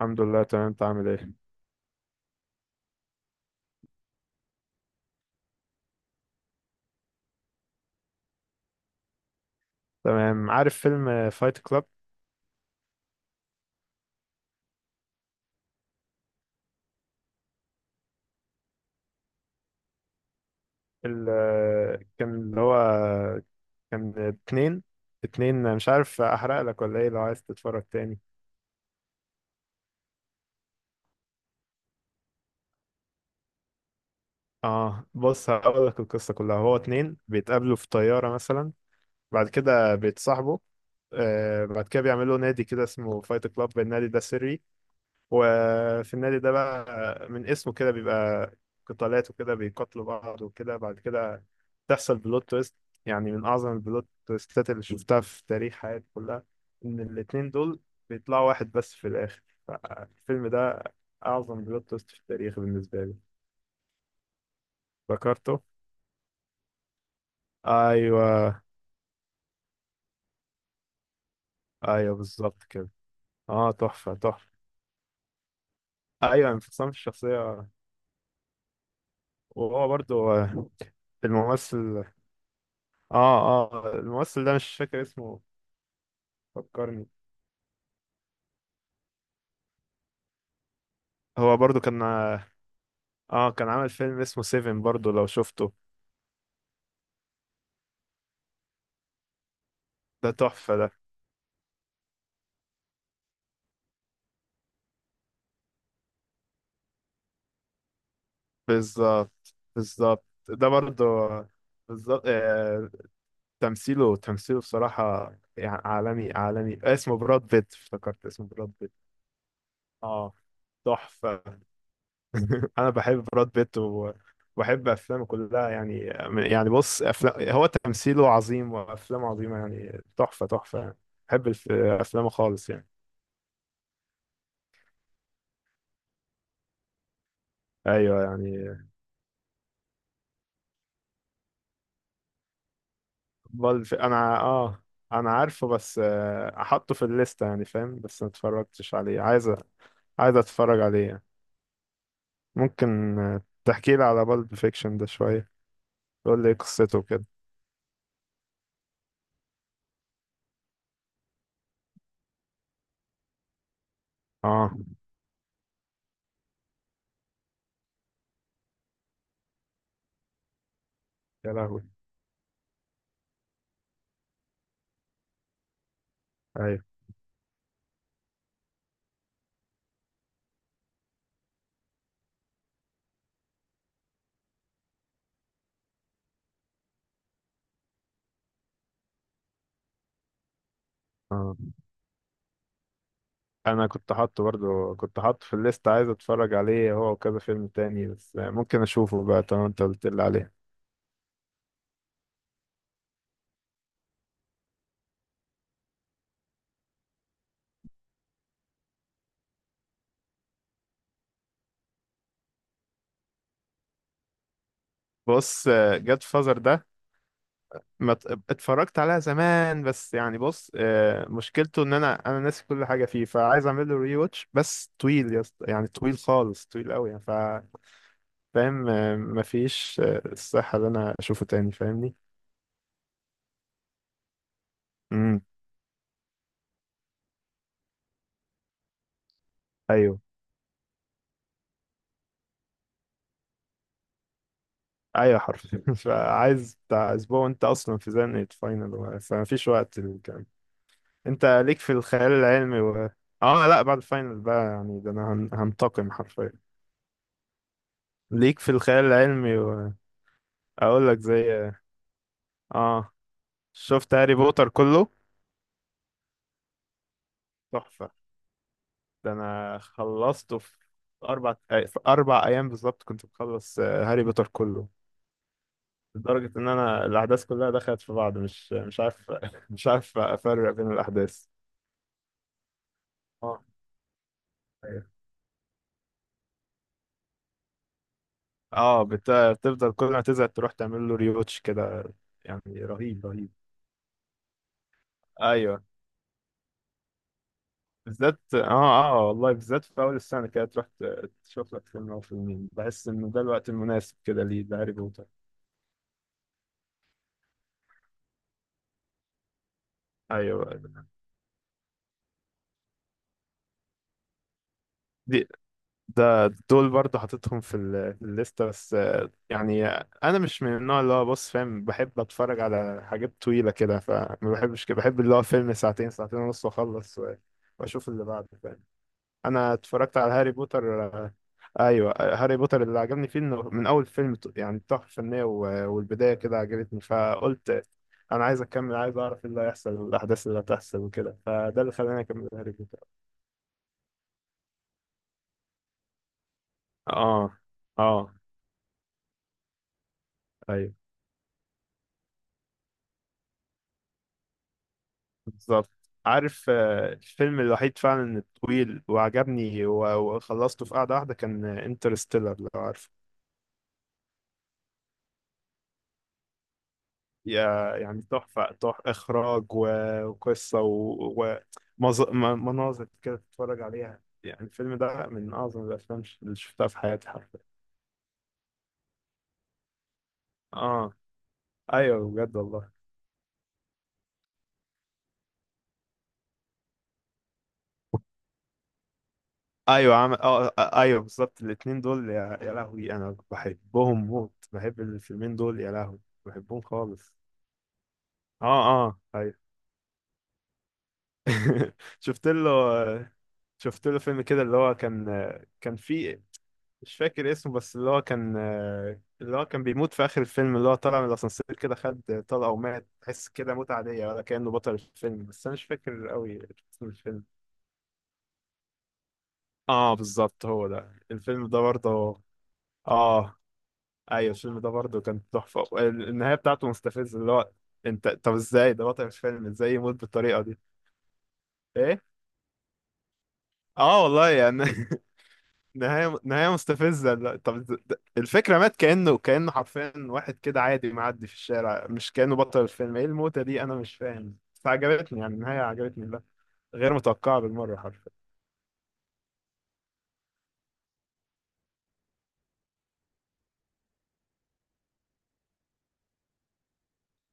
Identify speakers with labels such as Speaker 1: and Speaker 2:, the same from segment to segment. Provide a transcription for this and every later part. Speaker 1: الحمد لله تمام، انت عامل ايه؟ تمام، عارف فيلم فايت كلاب؟ اللي كان اللي هو كان اتنين. اتنين، مش عارف احرق لك ولا ايه لو عايز تتفرج تاني. اه، بص هقول لك القصة كلها. هو اتنين بيتقابلوا في طيارة مثلا، بعد كده بيتصاحبوا. آه بعد كده بيعملوا نادي كده اسمه فايت كلاب، النادي ده سري. وفي النادي ده بقى من اسمه كده بيبقى قتالات وكده، بيقاتلوا بعض وكده. بعد كده تحصل بلوت تويست، يعني من أعظم البلوت تويستات اللي شفتها في تاريخ حياتي كلها، إن الاتنين دول بيطلعوا واحد بس في الآخر. فالفيلم ده أعظم بلوت تويست في التاريخ بالنسبة لي. فكرته؟ أيوه. أيوه بالظبط كده. أه تحفة تحفة. أيوه انفصام في الشخصية. وهو برضو الممثل. اه الممثل ده مش فاكر اسمه، فكرني. هو برضو كان. اه كان عامل فيلم اسمه سيفن برضو لو شفته. ده تحفة ده. بالظبط بالظبط، ده برضو بالظبط تمثيله تمثيله بصراحة يعني عالمي عالمي. اسمه براد بيت، افتكرت اسمه براد بيت. اه تحفة. انا بحب براد بيت وبحب افلامه كلها يعني. يعني بص افلام، هو تمثيله عظيم وافلامه عظيمة يعني تحفة تحفة يعني. بحب افلامه خالص يعني. ايوه يعني. بالف، انا اه انا عارفه بس احطه في الليسته يعني، فاهم؟ بس ما اتفرجتش عليه، عايز عايز اتفرج عليه يعني. ممكن تحكي لي على بالب فيكشن ده شويه، تقول لي إيه قصته كده. اه يا لهوي. ايوه. اه، انا كنت حاطه برضو، كنت حاطه في الليسته، عايز اتفرج عليه هو وكذا فيلم تاني، بس ممكن اشوفه بقى طالما انت قلت لي عليه. بص، جاد فازر ده ما ت- اتفرجت عليها زمان، بس يعني بص مشكلته ان انا ناسي كل حاجه فيه، فعايز اعمل له ري واتش. بس طويل يا اسطى، يعني طويل خالص، طويل قوي يعني. ف فاهم مفيش الصحه ان انا اشوفه تاني، فاهمني؟ امم ايوه. ايوه حرفيا. فعايز بتاع اسبوع، وانت اصلا في زنقه فاينل فمفيش وقت للكلام. انت ليك في الخيال العلمي و... اه لا بعد الفاينل بقى يعني، ده انا هنتقم حرفيا. ليك في الخيال العلمي و... اقول لك زي. اه، شفت هاري بوتر كله. تحفة. ده انا خلصته في اربع في اربع ايام بالظبط، كنت مخلص هاري بوتر كله. لدرجة ان انا الاحداث كلها دخلت في بعض، مش عارف. مش عارف افرق بين الاحداث. اه. أيوة. اه بتفضل كل ما تزهق تروح تعمل له ريوتش كده، يعني رهيب رهيب. ايوه. بالذات اه اه والله، بالذات في اول السنة كده تروح تشوف لك فيلم او فيلمين، بحس ان ده الوقت المناسب كده ليه ده هاري بوتر. ايوه. دي ده دول برضه حاططهم في الليستة، بس يعني انا مش من النوع اللي هو بص فاهم بحب اتفرج على حاجات طويلة كده، فما بحبش كده، بحب اللي هو فيلم ساعتين، ساعتين ونص واخلص واشوف اللي بعده فاهم. انا اتفرجت على هاري بوتر ايوه هاري بوتر اللي عجبني فيه انه من اول فيلم يعني تحفة فنية والبداية كده عجبتني، فقلت انا عايز اكمل، عايز اعرف ايه اللي هيحصل والاحداث اللي هتحصل وكده، فده اللي خلاني اكمل هاري بوتر. اه. اه بالظبط. عارف الفيلم الوحيد فعلا الطويل وعجبني وخلصته في قعدة واحدة كان انترستيلر، لو عارف. يعني تحفة تحفة، إخراج وقصة مناظر كده تتفرج عليها يعني، الفيلم ده من أعظم الأفلام اللي شفتها في حياتي حرفيا. آه. أيوه بجد والله. ايوه ايوه بالظبط الاثنين دول يا... يا لهوي انا بحبهم موت، بحب الفيلمين دول يا لهوي. بحبهم خالص. اه ايوه. شفت له. شفت له فيلم كده اللي هو كان، كان فيه، مش فاكر اسمه، بس اللي هو كان، اللي هو كان بيموت في آخر الفيلم، اللي هو طلع من الأسانسير كده، خد طلقة ومات، تحس كده موت عادية ولا كأنه بطل الفيلم، بس أنا مش فاكر قوي اسم الفيلم. اه بالظبط هو ده، الفيلم ده برضه. اه ايوه، الفيلم ده برضه كان تحفة، النهاية بتاعته مستفزة، اللي هو انت طب ازاي ده بطل الفيلم ازاي يموت بالطريقة دي؟ ايه. اه والله يعني. نهاية نهاية مستفزة. لا طب الفكرة مات كأنه كأنه حرفيا واحد كده عادي معدي في الشارع، مش كأنه بطل الفيلم. ايه الموتة دي، انا مش فاهم. بس عجبتني يعني، النهاية عجبتني. لا غير متوقعة بالمرة حرفيا.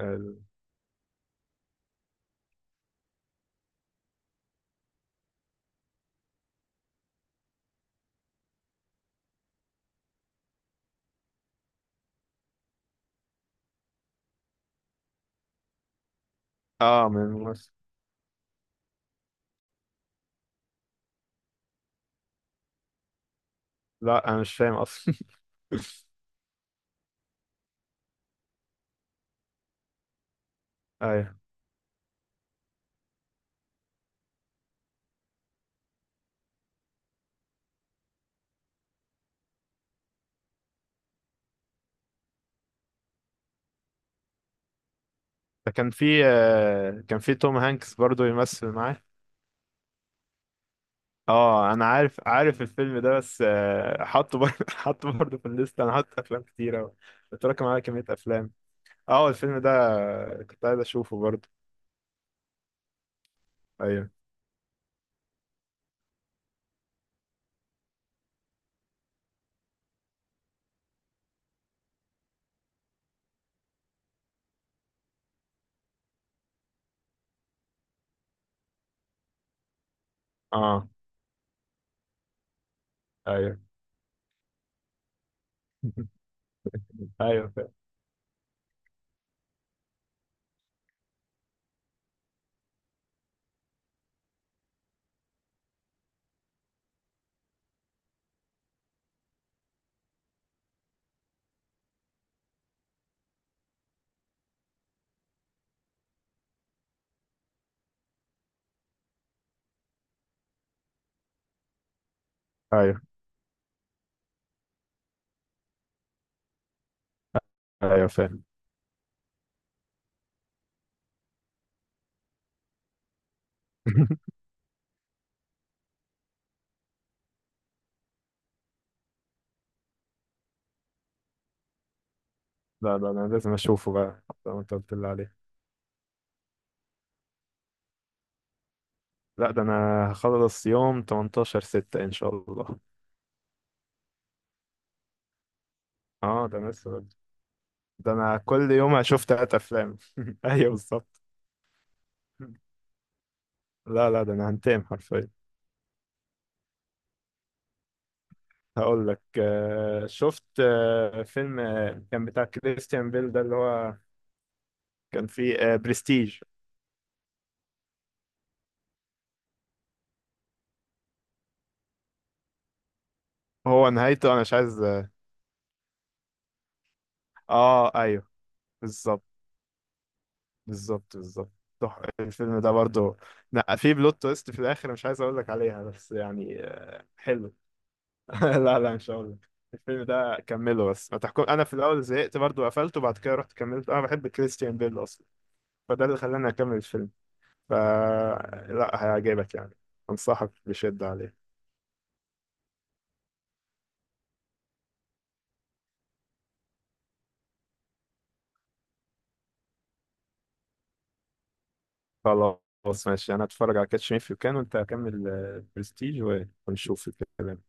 Speaker 1: ال- اه من مصر. لا انا مش فاهم اصلا. ايوه ده كان في كان في توم هانكس برضو يمثل معاه. اه انا عارف، عارف الفيلم ده، بس حطه برضه حطه برضه في الليست، انا حاطط افلام كتيرة، متراكم على كمية افلام. اه الفيلم ده كنت عايز اشوفه برضه. ايوه. اه ايوه. ايوه فاهم. ايوه ايوه فاهم. لا لا انا لازم اشوفه بقى زي ما انت قلت لي عليه. لا ده انا هخلص يوم 18 6 ان شاء الله. اه ده انا لسه، ده انا كل يوم هشوف تلات افلام. ايوه بالظبط. لا لا ده انا هنتقم حرفيا. هقول لك شفت فيلم كان بتاع كريستيان بيل ده اللي هو كان فيه برستيج. هو نهايته انا مش عايز اه ايوه بالظبط بالظبط بالظبط. الفيلم ده برضو لا في بلوت تويست في الاخر مش عايز اقول لك عليها، بس يعني حلو. لا لا مش هقول لك. الفيلم ده كمله بس، ما تحكم، انا في الاول زهقت برضو قفلته، بعد كده رحت كملت، انا بحب كريستيان بيل اصلا، فده اللي خلاني اكمل الفيلم. ف لا هيعجبك يعني، انصحك بشدة عليه. خلاص ماشي، انا اتفرج على كاتش مي إف يو كان وانت كمل برستيج، ونشوف الكلام.